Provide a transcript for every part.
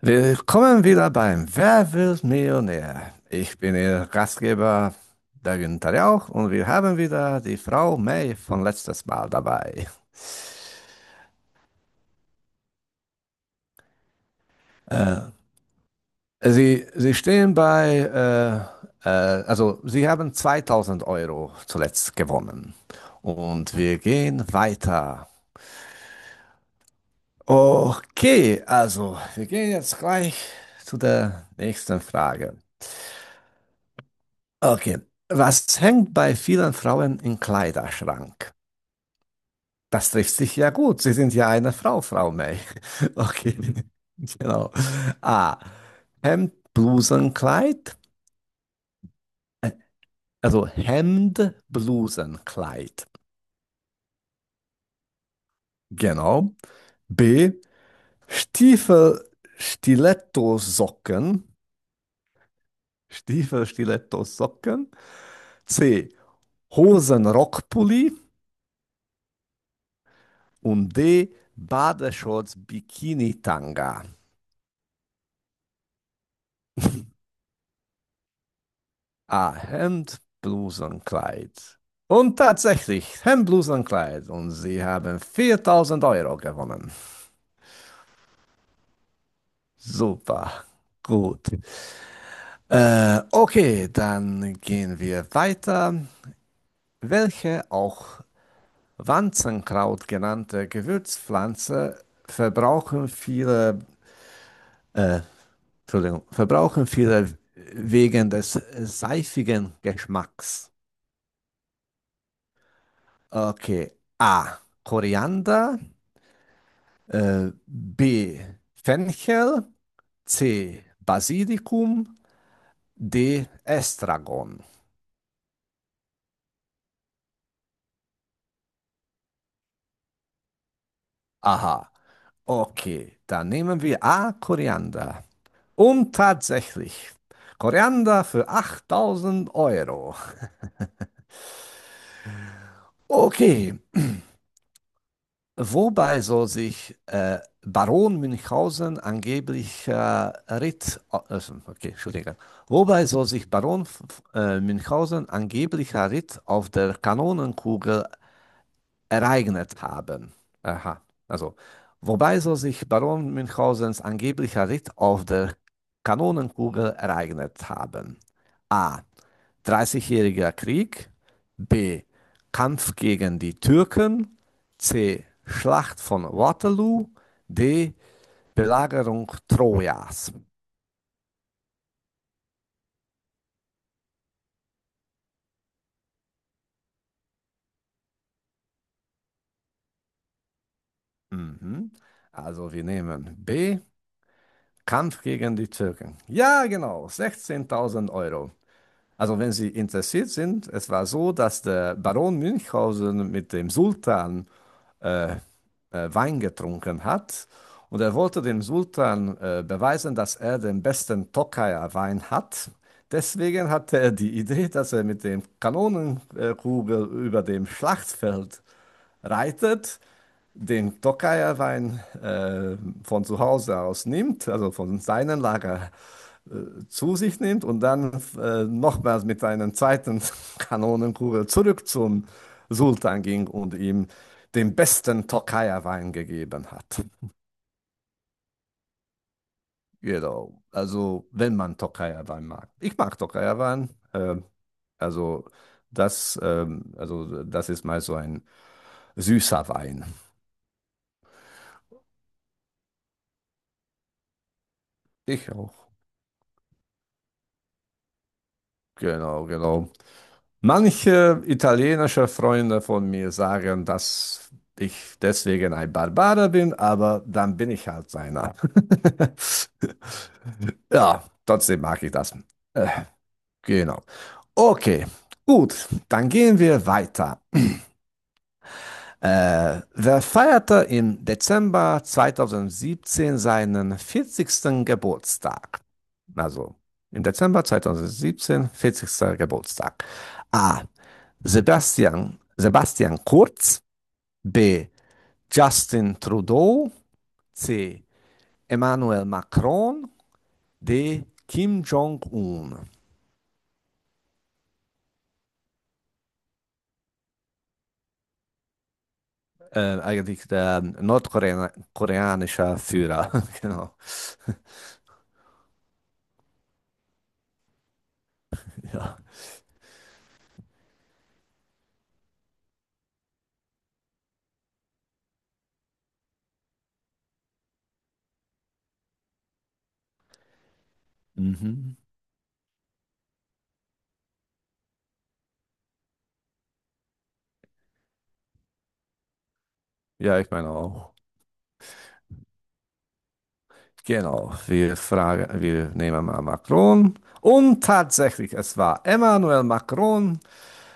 Willkommen wieder beim Wer wird Millionär? Ich bin Ihr Gastgeber, der Günther Jauch, und wir haben wieder die Frau May von letztes Mal dabei. Sie stehen bei, also Sie haben 2000 Euro zuletzt gewonnen. Und wir gehen weiter. Okay, also wir gehen jetzt gleich zu der nächsten Frage. Okay, was hängt bei vielen Frauen im Kleiderschrank? Das trifft sich ja gut. Sie sind ja eine Frau, Frau May. Okay, genau. A. Hemd, Blusenkleid. Äh, Also Hemd, Blusenkleid. Genau. B. Stiefel, Stilettosocken. Stiefel, Stilettosocken. C. Hosen, Rockpulli. Und D. Badeshorts, Bikini-Tanga. A. Hemd, Bluse und Kleid. Und tatsächlich, Hemd, Bluse und Kleid. Und sie haben 4000 Euro gewonnen. Super. Gut. Okay, dann gehen wir weiter. Welche auch Wanzenkraut genannte Gewürzpflanze verbrauchen viele, äh, Entschuldigung, verbrauchen viele wegen des seifigen Geschmacks? Okay. A. Koriander. B. Fenchel. C. Basilikum. D. Estragon. Aha, okay. Dann nehmen wir A. Koriander. Und tatsächlich, Koriander für 8.000 Euro. Okay, wobei soll sich Baron Münchhausen angeblich Ritt, okay, Entschuldigung. Wobei soll sich Baron Münchhausen angeblicher Ritt auf der Kanonenkugel ereignet haben. Aha. Also, wobei so sich Baron Münchhausens angeblicher Ritt auf der Kanonenkugel ereignet haben. A. Dreißigjähriger Krieg. B. Kampf gegen die Türken. C. Schlacht von Waterloo. D. Belagerung Trojas. Mhm. Also wir nehmen B. Kampf gegen die Türken. Ja, genau. 16.000 Euro. Also, wenn Sie interessiert sind, es war so, dass der Baron Münchhausen mit dem Sultan äh, Wein getrunken hat und er wollte dem Sultan beweisen, dass er den besten Tokaier Wein hat. Deswegen hatte er die Idee, dass er mit dem Kanonenkugel über dem Schlachtfeld reitet, den Tokaier Wein von zu Hause aus nimmt, also von seinem Lager zu sich nimmt und dann nochmals mit einer zweiten Kanonenkugel zurück zum Sultan ging und ihm den besten Tokaja-Wein gegeben hat. Genau. Also, wenn man Tokaja-Wein mag. Ich mag Tokaja-Wein. Also, also, das ist mal so ein süßer Wein. Ich auch. Genau, genau. Manche italienische Freunde von mir sagen, dass ich deswegen ein Barbarer bin, aber dann bin ich halt einer. Ja, trotzdem mag ich das. Äh, genau. Okay, gut, dann gehen wir weiter. Wer feierte im Dezember 2017 seinen 40. Geburtstag? Also im Dezember 2017, 40. Geburtstag. A. Sebastian Kurz. B. Justin Trudeau. C. Emmanuel Macron. D. Kim Jong-un. Eigentlich der nordkoreanische Führer. Genau. Ja. Mhm. Ja, ich meine auch. Genau, wir fragen, wir nehmen mal Macron. Und tatsächlich, es war Emmanuel Macron.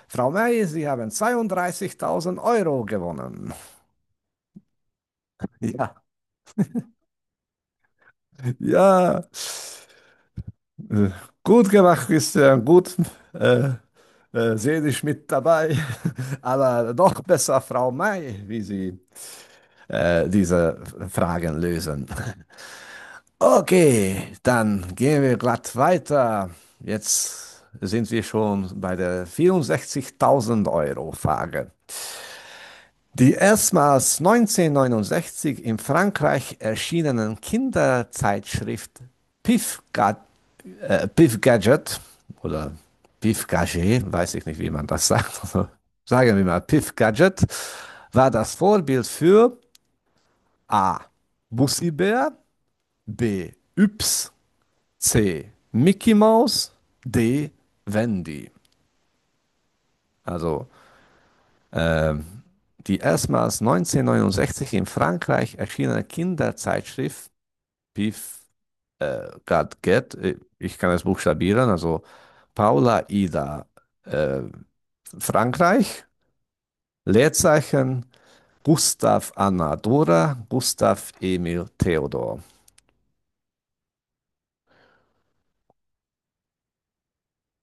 Frau May, Sie haben 32.000 Euro gewonnen. Ja, ja. Äh, Gut gemacht, Christian, gut. Äh, seelisch mit dabei, aber noch besser Frau May, wie Sie diese Fragen lösen. Okay, dann gehen wir glatt weiter. Jetzt sind wir schon bei der 64.000 Euro Frage. Die erstmals 1969 in Frankreich erschienenen Kinderzeitschrift Pif Biff Gadget oder Biff Gadget, weiß ich nicht, wie man das sagt. Also, sagen wir mal, Biff Gadget war das Vorbild für A. Bussi-Bär, B. Yps, C. Mickey Mouse, D. Wendy. Also äh, die erstmals 1969 in Frankreich erschienene Kinderzeitschrift Biff Gadget, ich kann es buchstabieren, also Paula Ida äh, Frankreich, Leerzeichen Gustav Anna Dora, Gustav Emil Theodor.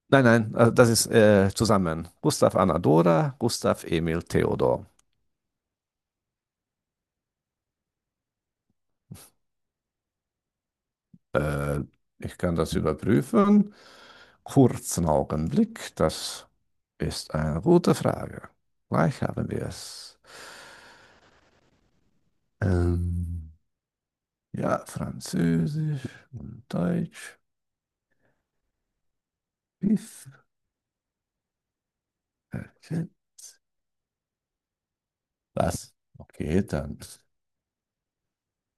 Nein, nein, das ist zusammen. Gustav Anna Dora, Gustav Emil Theodor. Äh, ich kann das überprüfen. Kurzen Augenblick, das ist eine gute Frage. Gleich haben wir es. Ähm, ja, Französisch und Deutsch. Okay. Was? Okay, dann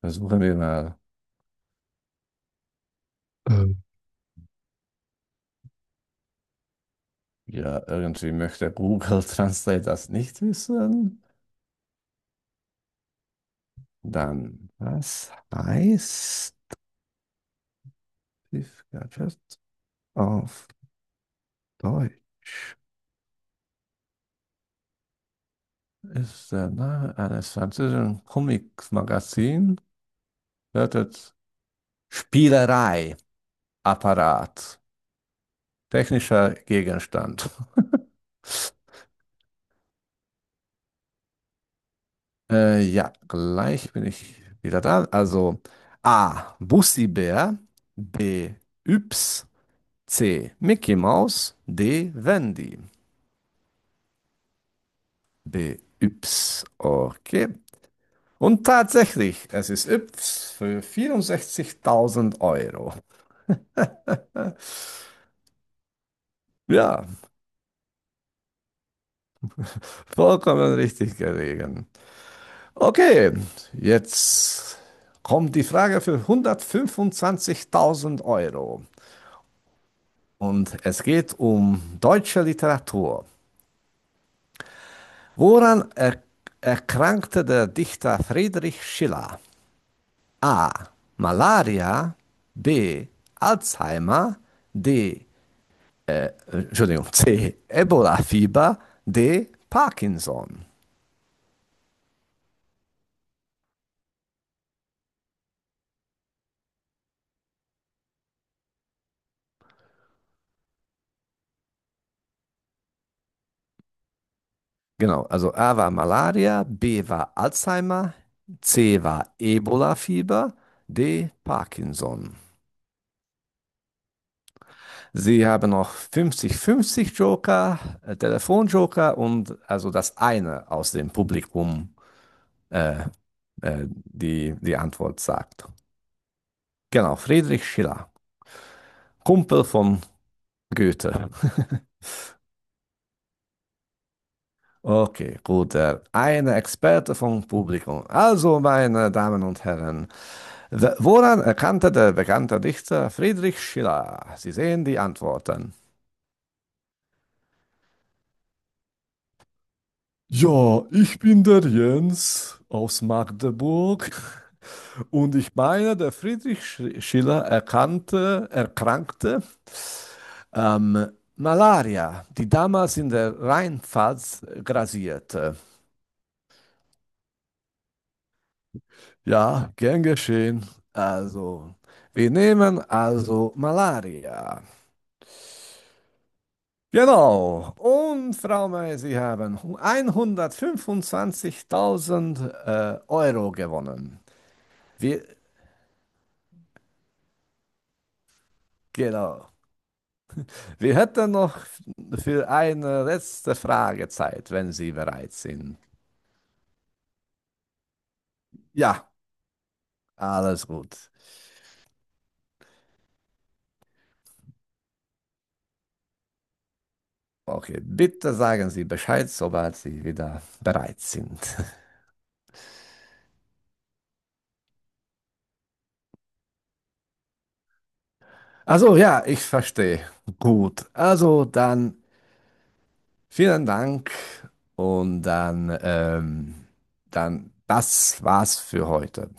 versuchen wir mal. Ja, irgendwie möchte Google Translate das nicht wissen. Dann, was heißt Tiefgarten auf Deutsch? Ist der Name eines französischen Comics-Magazins. Lautet Spielerei, Apparat, technischer Gegenstand. Ja, gleich bin ich wieder da. Also A. Bussi-Bär, B. Yps, C. Mickey Mouse, D. Wendy. B-Yps. Okay. Und tatsächlich, es ist Yps für 64.000 Euro. Ja, vollkommen richtig gelegen. Okay, jetzt kommt die Frage für 125.000 Euro. Und es geht um deutsche Literatur. Woran er erkrankte der Dichter Friedrich Schiller? A. Malaria. B. Alzheimer. D. Entschuldigung, C. Ebola-Fieber, D. Parkinson. Genau, also A war Malaria, B war Alzheimer, C war Ebola-Fieber, D. Parkinson. Sie haben noch 50-50 Joker, Telefonjoker und also das eine aus dem Publikum, äh, die die Antwort sagt. Genau, Friedrich Schiller, Kumpel von Goethe. Okay, gut. Eine Experte vom Publikum. Also, meine Damen und Herren, woran erkannte der bekannte Dichter Friedrich Schiller? Sie sehen die Antworten. Ja, ich bin der Jens aus Magdeburg und ich meine, der Friedrich Schiller erkrankte ähm, Malaria, die damals in der Rheinpfalz grassierte. Ja, gern geschehen. Also, wir nehmen also Malaria. Genau. Und Frau May, Sie haben 125.000 Euro gewonnen. Wir, genau. Wir hätten noch für eine letzte Frage Zeit, wenn Sie bereit sind. Ja, alles gut. Okay, bitte sagen Sie Bescheid, sobald Sie wieder bereit sind. Also ja, ich verstehe. Gut, also dann vielen Dank und dann, dann das war's für heute.